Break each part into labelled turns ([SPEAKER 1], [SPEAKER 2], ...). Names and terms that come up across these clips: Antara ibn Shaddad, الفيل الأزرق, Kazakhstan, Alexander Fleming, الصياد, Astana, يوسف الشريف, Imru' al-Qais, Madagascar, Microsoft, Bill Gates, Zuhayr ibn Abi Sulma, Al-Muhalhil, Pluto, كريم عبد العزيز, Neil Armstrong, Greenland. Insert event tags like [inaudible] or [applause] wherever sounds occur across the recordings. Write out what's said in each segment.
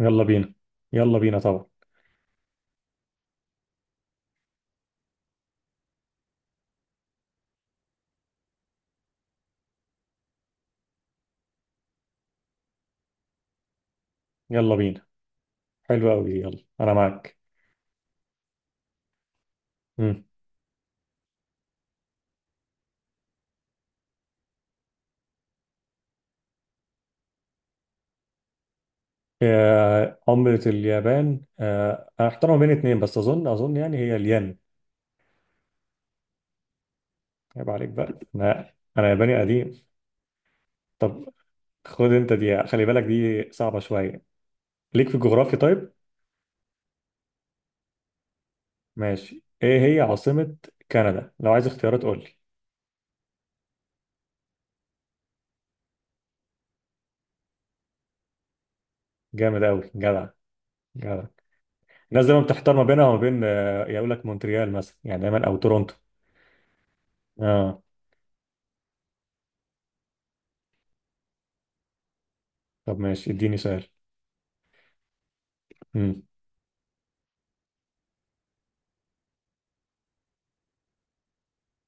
[SPEAKER 1] يلا بينا. يلا بينا طبعا. يلا بينا، حلو قوي دي، يلا انا معاك. امم. عملة اليابان، انا احترم بين اتنين، بس اظن يعني هي الين. عيب عليك بقى، انا ياباني قديم. طب، خد انت دي، خلي بالك دي صعبة شوية، ليك في الجغرافيا. طيب. ماشي. ايه هي عاصمة كندا؟ لو عايز اختيارات قول لي. جامد قوي، جدع جدع. الناس دايما بتحتار ما بينها وما بين، يقول لك مونتريال مثلا، يعني دايما او تورونتو. اه. طب، ماشي، اديني سؤال. مم.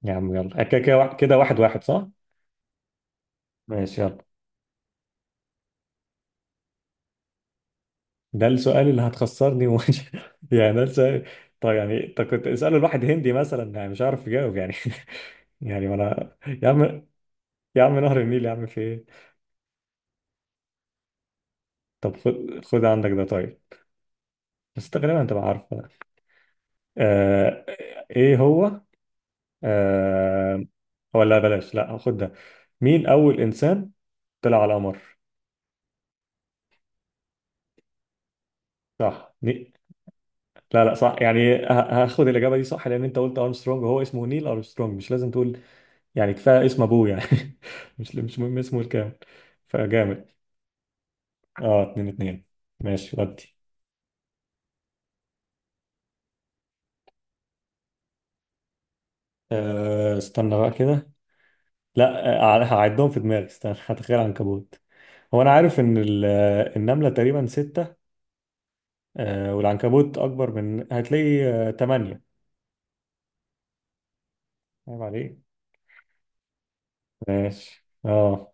[SPEAKER 1] يا عم يلا، كده كده كده واحد واحد، صح؟ ماشي، يلا. ده السؤال اللي هتخسرني ومش، [laughs] يعني ده السؤال. طب يعني انت كنت اسأله الواحد هندي مثلا، يعني مش عارف يجاوب يعني. [laughs] يعني ما انا. يا عم. يا عم، نهر النيل يا عم، في ايه؟ طب، خد عندك ده. طيب. بس انت غالبا انت بقى عارفه ده. آه... ايه هو؟ آه... ولا بلاش، لا، خد ده. مين أول إنسان طلع على القمر؟ صح. لا لا، صح يعني هاخد الإجابة دي صح، لأن أنت قلت أرمسترونج وهو اسمه نيل أرمسترونج، مش لازم تقول. يعني كفايه اسم ابوه يعني. [laughs] مش مهم اسمه الكامل. فجامد. اه، اتنين اتنين. ماشي، ودي. استنى بقى كده. لا. هعدهم في دماغي، استنى هتخيل عنكبوت. هو انا عارف ان النمله تقريبا ستة. والعنكبوت اكبر من، هتلاقي تمانية. عيب عليك. ماشي، اه.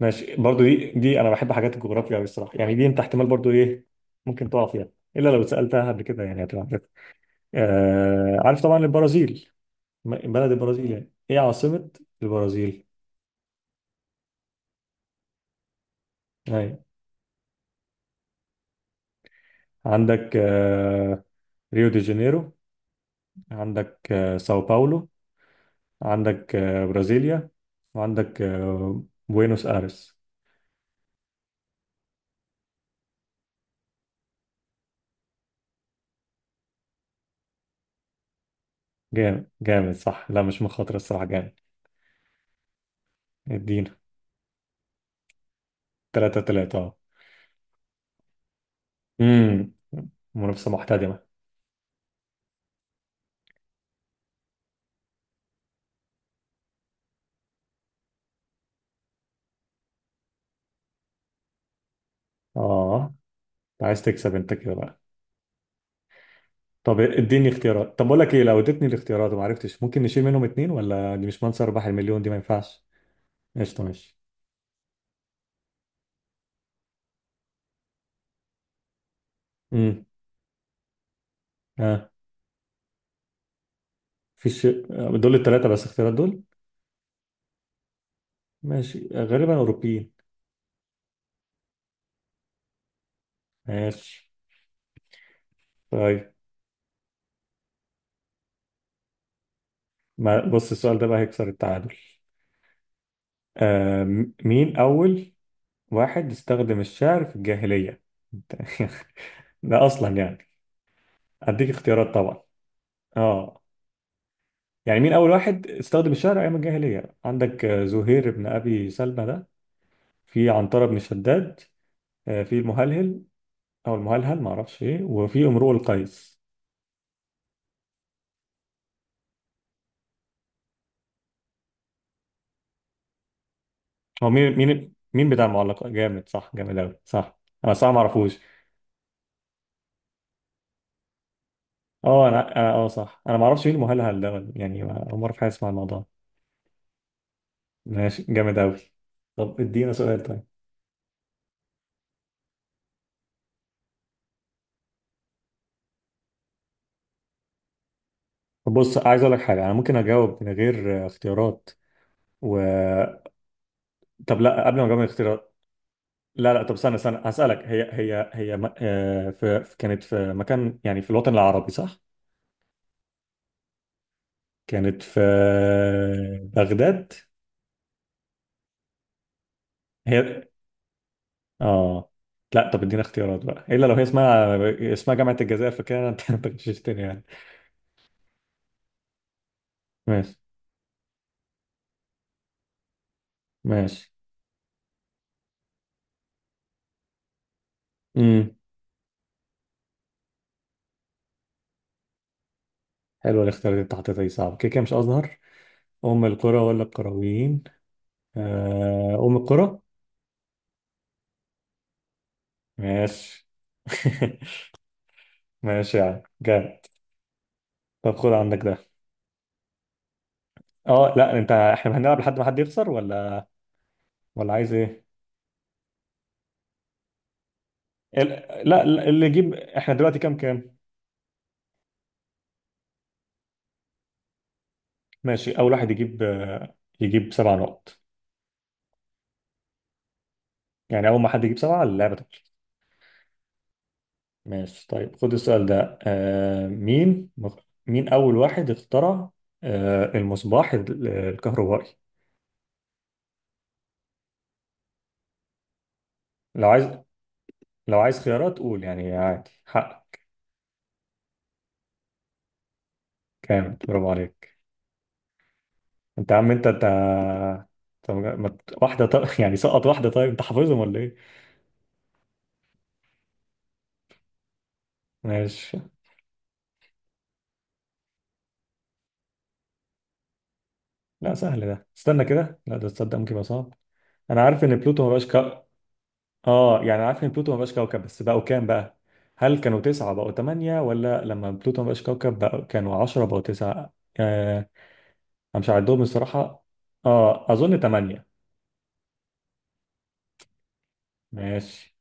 [SPEAKER 1] ماشي برضو دي، انا بحب حاجات الجغرافيا قوي الصراحه، يعني دي انت احتمال برضو ايه. ممكن تقع فيها. الا لو سالتها قبل كده، يعني هتبقى عارف. عارف طبعا البرازيل. بلد البرازيل، يعني ايه عاصمة البرازيل؟ يعني. عندك ريو دي جانيرو، عندك ساو باولو، عندك برازيليا، وعندك بوينوس ايرس. جامد جامد، صح، لا مش مخاطرة الصراحة، جامد. ادينا. تلاتة تلاتة، اه. امم. منافسة محتدمة. اه، أنت عايز تكسب انت كده بقى. طب اديني اختيارات. طب بقول لك ايه، لو اديتني الاختيارات وما عرفتش ممكن نشيل منهم اتنين، ولا دي مش منصة ارباح المليون دي ما ينفعش. قشطة، ماشي. امم. في الشيء. دول التلاتة بس، اختيارات دول. ماشي، غالبا أوروبيين. ماشي. طيب. ما بص، السؤال ده بقى هيكسر التعادل. مين أول واحد استخدم الشعر في الجاهلية؟ [laughs] ده أصلا يعني. أديك اختيارات طبعا. اه. يعني مين أول واحد استخدم الشعر أيام الجاهلية؟ عندك زهير بن أبي سلمى، ده في عنترة بن شداد، في المهلهل، أو المهلهل معرفش إيه، وفي امرؤ القيس. هو مين بتاع المعلقات، جامد، صح، جامد قوي، صح. انا صح ما اعرفوش. اه، انا اه صح، انا ما اعرفش مين المهلهل ده يعني اول مره في حياتي اسمع الموضوع. ماشي، جامد قوي. طب ادينا سؤال. طيب. طب بص، عايز اقول لك حاجه، انا ممكن اجاوب من غير اختيارات. و طب لا، قبل ما اجاوب من الاختيارات. لا لا، طب استنى استنى، هسالك هي هي هي م... آه، في... في- كانت في مكان، يعني في الوطن العربي، صح؟ كانت في بغداد. هي. اه. لا، طب ادينا اختيارات بقى، الا لو هي اسمها. اسمها جامعة الجزائر، فكده انت غششتني [laughs] يعني. ماشي. ماشي. امم. حلوة الاختيارات اللي انت حطيتها دي، صعبة كده كده، مش ازهر. ام القرى ولا القرويين؟ ام القرى. ماشي. [laughs] ماشي يا عم، جامد. طب خد عندك ده. اه لا، انت احنا هنلعب لحد ما حد يخسر، ولا عايز ايه؟ ال- لا لا، اللي يجيب، احنا دلوقتي كام كام؟ ماشي، اول واحد يجيب سبع نقط. يعني اول ما حد يجيب سبعة، اللعبة. ماشي، طيب خد السؤال ده. مين أول واحد اخترع المصباح الكهربائي؟ لو عايز لو عايز خيارات قول، يعني عادي، حق. كامل، برافو عليك. انت يا عم، انت. طب ما واحدة، طب [laughs] يعني سقط واحدة، طيب انت حافظهم ولا ايه؟ ماشي. لا سهل ده، استنى كده، لا ده تصدق ممكن يبقى صعب. انا عارف ان بلوتو ما بقاش. اه يعني عارف ان بلوتو ما بقاش كوكب، بس بقوا كام بقى؟ هل كانوا تسعة بقوا تمانية، ولا لما بلوتو ما بقاش كوكب بقوا، كانوا عشرة بقوا تسعة؟ آه. انا مش عندهم الصراحة. اه، اظن تمانية. ماشي.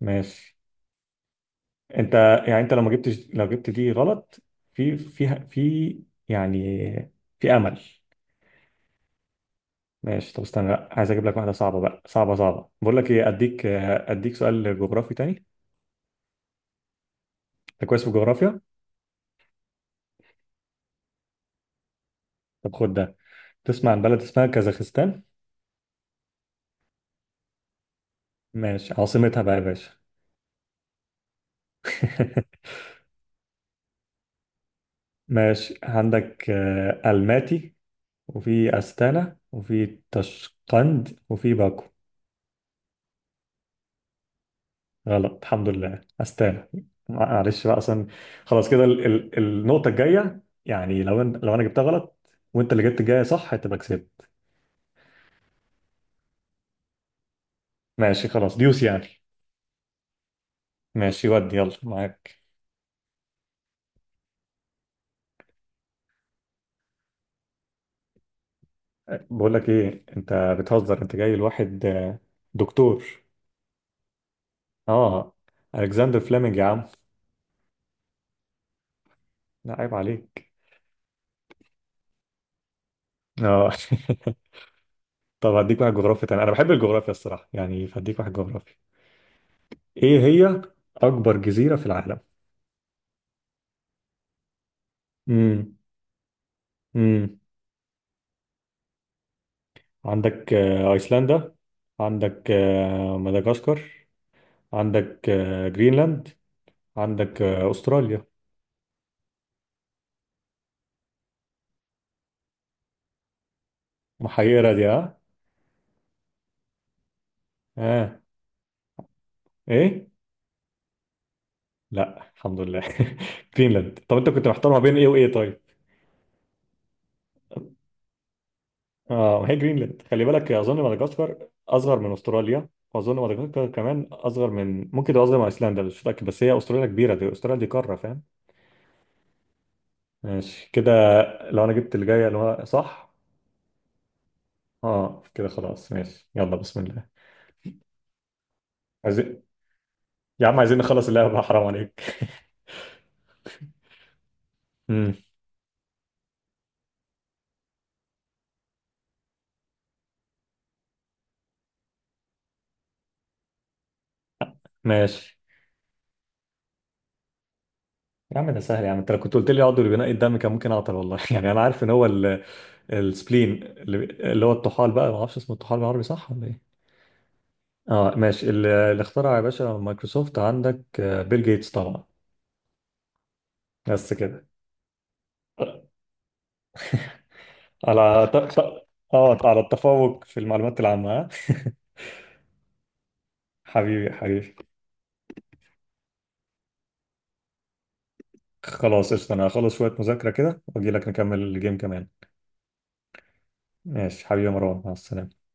[SPEAKER 1] ماشي. انت. يعني انت لو ما جبتش، لو جبت دي غلط. في يعني في امل. ماشي، طب استنى، لا عايز اجيب لك واحدة صعبة بقى، صعبة صعبة، بقول لك ايه، اديك سؤال جغرافي تاني. انت كويس في الجغرافيا؟ طب خد ده. تسمع عن بلد اسمها كازاخستان؟ ماشي، عاصمتها بقى يا باشا؟ [laughs] ماشي، عندك الماتي، وفي استانا، وفي تشقند، وفي باكو. غلط، الحمد لله، استانا. معلش بقى اصلا. خلاص كده، النقطه الجايه، يعني لو انا جبتها غلط. وانت اللي جبت الجايه صح، هتبقى كسبت. ماشي، خلاص، ديوس يعني. ماشي، ودي، يلا معاك. بقول لك ايه، انت بتهزر، انت جاي لواحد دكتور. اه، الكسندر فليمنج يا عم. لا، عيب عليك. اه. [laughs] طب هديك واحد جغرافي تاني، انا بحب الجغرافيا الصراحه يعني، فهديك واحد جغرافي. ايه هي اكبر جزيره في العالم؟ امم. امم. عندك ايسلندا، عندك مدغشقر، عندك جرينلاند، عندك استراليا. محيره دي، ها؟ اه. ايه؟ لا، الحمد لله. [laughs] جرينلاند. طب انت كنت محتار ما بين ايه وايه؟ طيب. اه، ما هي جرينلاند، خلي بالك، اظن مدغشقر اصغر من استراليا. واظن مدغشقر كمان اصغر من ممكن تبقى اصغر من ايسلندا، مش متاكد، بس هي استراليا كبيره دي، استراليا دي قاره، فاهم؟ ماشي كده، لو انا جبت اللي جايه اللي هو صح. اه كده خلاص، ماشي، يلا بسم الله. عايزين، يا عم عايزين نخلص اللعبه بقى، حرام عليك. [laughs] امم. ماشي، يا عم ده سهل، يا عم انت لو كنت قلت لي عضو بناء الدم كان ممكن اعطل والله، [laughs] يعني انا عارف ان هو السبلين اللي، اللي هو الطحال بقى، ما اعرفش اسمه الطحال بالعربي صح ولا ايه؟ اه ماشي، اللي اخترع يا باشا مايكروسوفت، عندك بيل جيتس طبعا. بس كده. على اه، على التفوق في المعلومات العامة، ها؟ [laughs] حبيبي حبيبي. خلاص قشطة، انا هخلص شوية مذاكرة كده واجي لك نكمل الجيم كمان. ماشي حبيبي، يا مروان، مع السلامة.